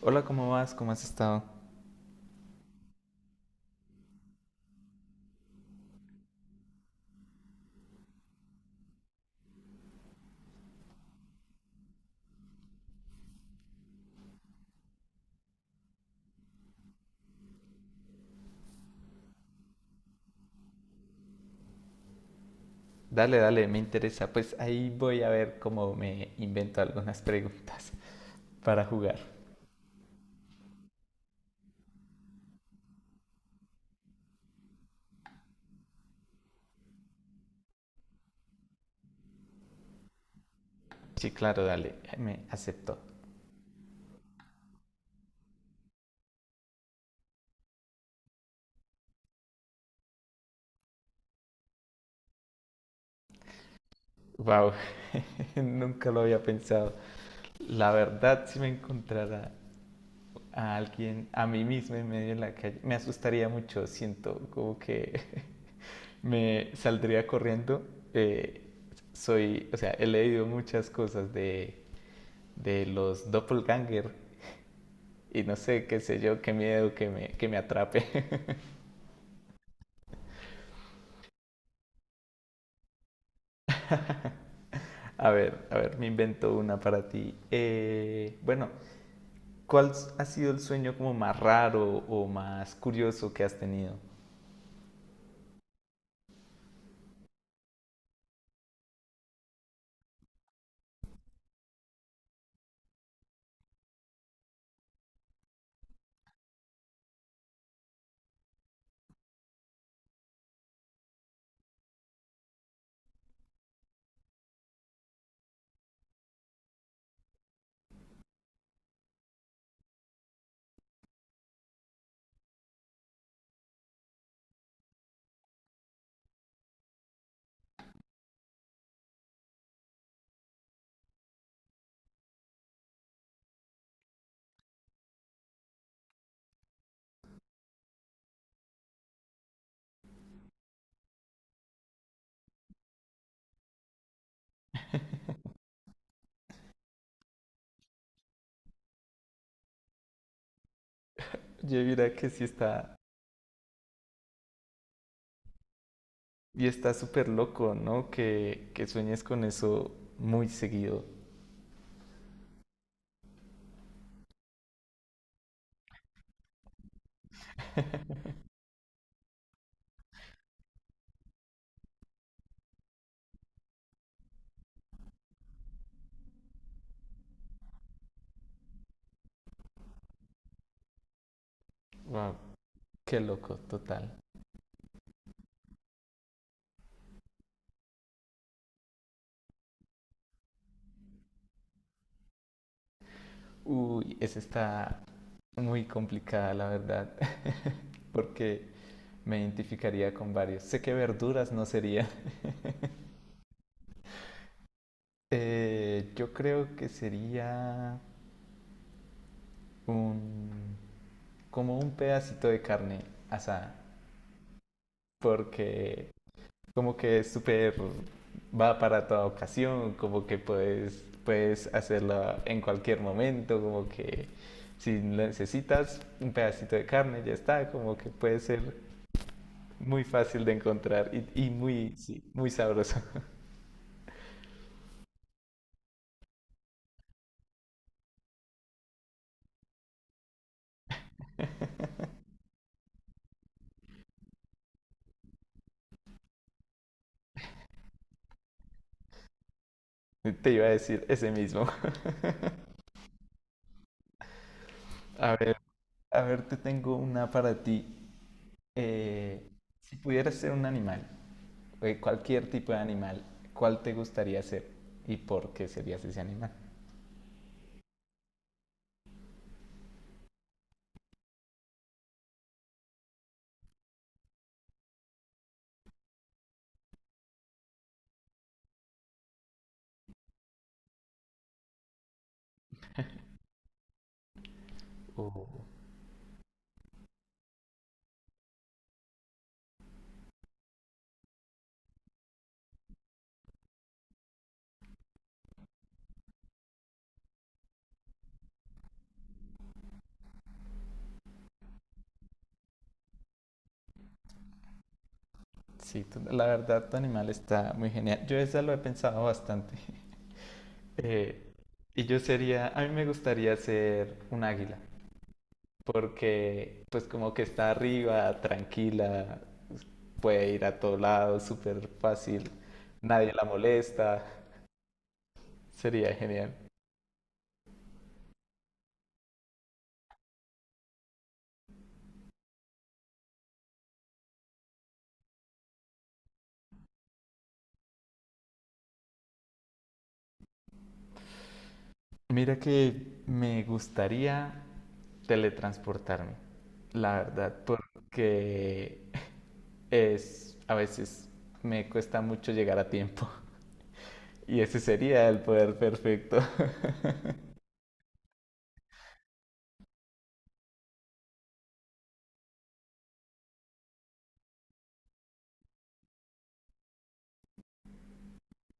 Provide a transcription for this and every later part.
Hola, ¿cómo vas? ¿Cómo has estado? Dale, dale, me interesa. Pues ahí voy a ver cómo me invento algunas preguntas para jugar. Sí, claro, dale, me aceptó. Wow, nunca lo había pensado. La verdad, si me encontrara a alguien, a mí mismo en medio de la calle, me asustaría mucho, siento como que me saldría corriendo. Eh, soy, o sea, he leído muchas cosas de los doppelganger y no sé, qué sé yo, qué miedo que me atrape. A ver, a ver, me invento una para ti. Bueno, ¿cuál ha sido el sueño como más raro o más curioso que has tenido? Yo diría que sí está. Y está súper loco, ¿no? Que sueñes con eso muy seguido. Wow, qué loco, total. Uy, esa está muy complicada, la verdad. Porque me identificaría con varios. Sé que verduras no sería. Yo creo que sería un, como un pedacito de carne asada. Porque como que es súper, va para toda ocasión, como que puedes hacerla en cualquier momento, como que si necesitas un pedacito de carne, ya está, como que puede ser muy fácil de encontrar y muy, sí, muy sabroso. Te iba a decir ese mismo. A ver, a ver, te tengo una para ti. Eh, si pudieras ser un animal, cualquier tipo de animal, ¿cuál te gustaría ser y por qué serías ese animal? Sí, la verdad, tu animal está muy genial. Yo esa lo he pensado bastante. Eh, y yo sería, a mí me gustaría ser un águila, porque pues como que está arriba, tranquila, puede ir a todo lado, súper fácil, nadie la molesta, sería genial. Mira que me gustaría teletransportarme, la verdad, porque es a veces me cuesta mucho llegar a tiempo. Y ese sería el poder perfecto.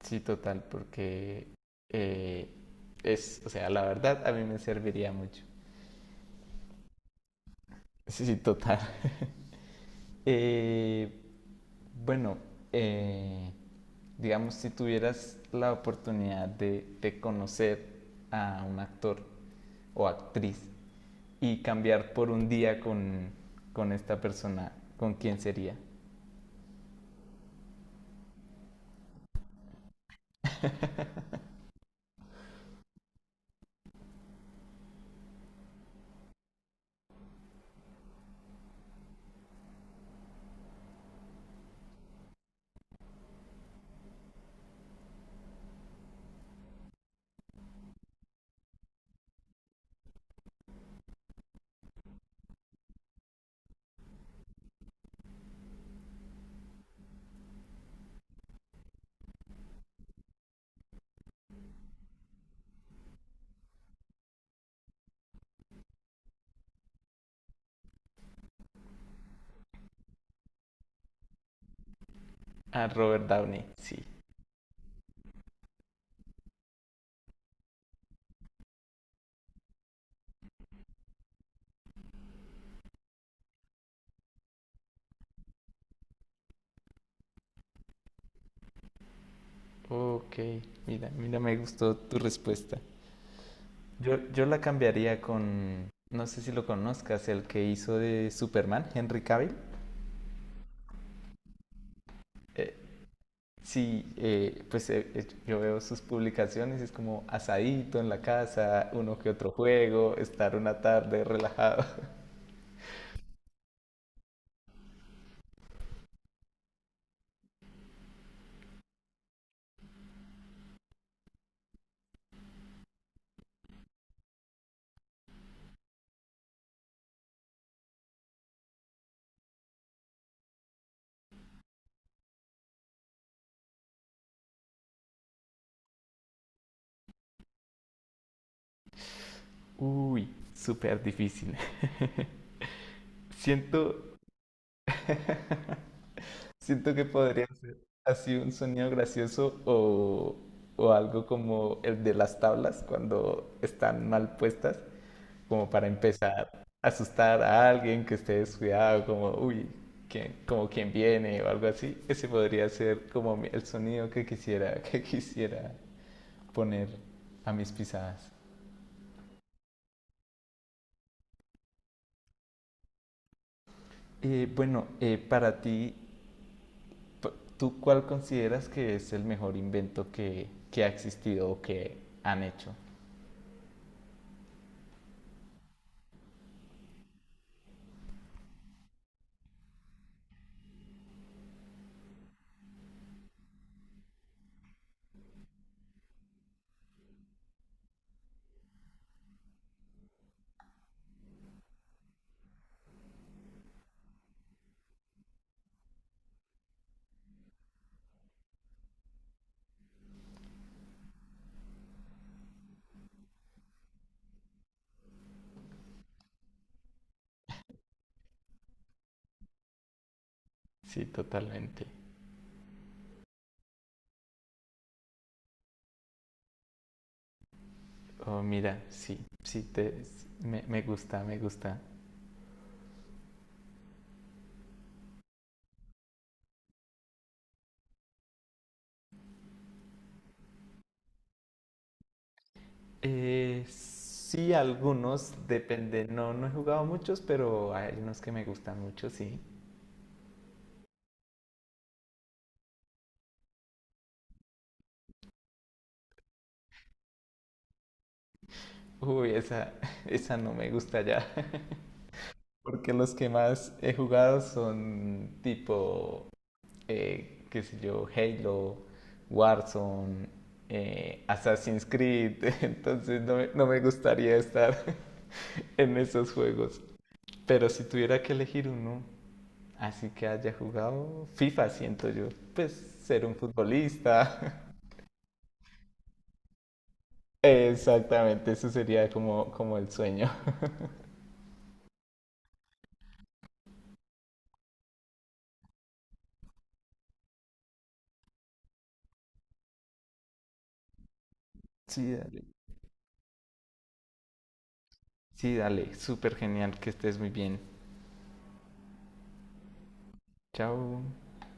Sí, total, porque eh, es, o sea, la verdad a mí me serviría mucho. Sí, sí, total. Eh, bueno, eh, digamos, si tuvieras la oportunidad de conocer a un actor o actriz y cambiar por un día con esta persona, ¿con quién sería? A Robert Downey, sí. Ok, mira, mira, me gustó tu respuesta. Yo la cambiaría con, no sé si lo conozcas, el que hizo de Superman, Henry Cavill. Eh, Sí, yo veo sus publicaciones, es como asadito en la casa, uno que otro juego, estar una tarde relajado. Uy, súper difícil. Siento, siento que podría ser así un sonido gracioso o algo como el de las tablas cuando están mal puestas, como para empezar a asustar a alguien que esté descuidado, como, uy, ¿quién, como quién viene o algo así? Ese podría ser como el sonido que quisiera, que quisiera poner a mis pisadas. Bueno, para ti, p- ¿tú cuál consideras que es el mejor invento que ha existido o que han hecho? Sí, totalmente. Oh, mira, sí, me gusta, me gusta. Sí, algunos, depende. No, no he jugado muchos, pero hay unos que me gustan mucho, sí. Uy, esa, esa no me gusta ya. Porque los que más he jugado son tipo, qué sé yo, Halo, Warzone, Assassin's Creed. Entonces no me gustaría estar en esos juegos. Pero si tuviera que elegir uno, así que haya jugado FIFA, siento yo. Pues ser un futbolista. Exactamente, eso sería como, como el sueño. Sí, dale. Sí, dale, súper genial, que estés muy bien. Chao.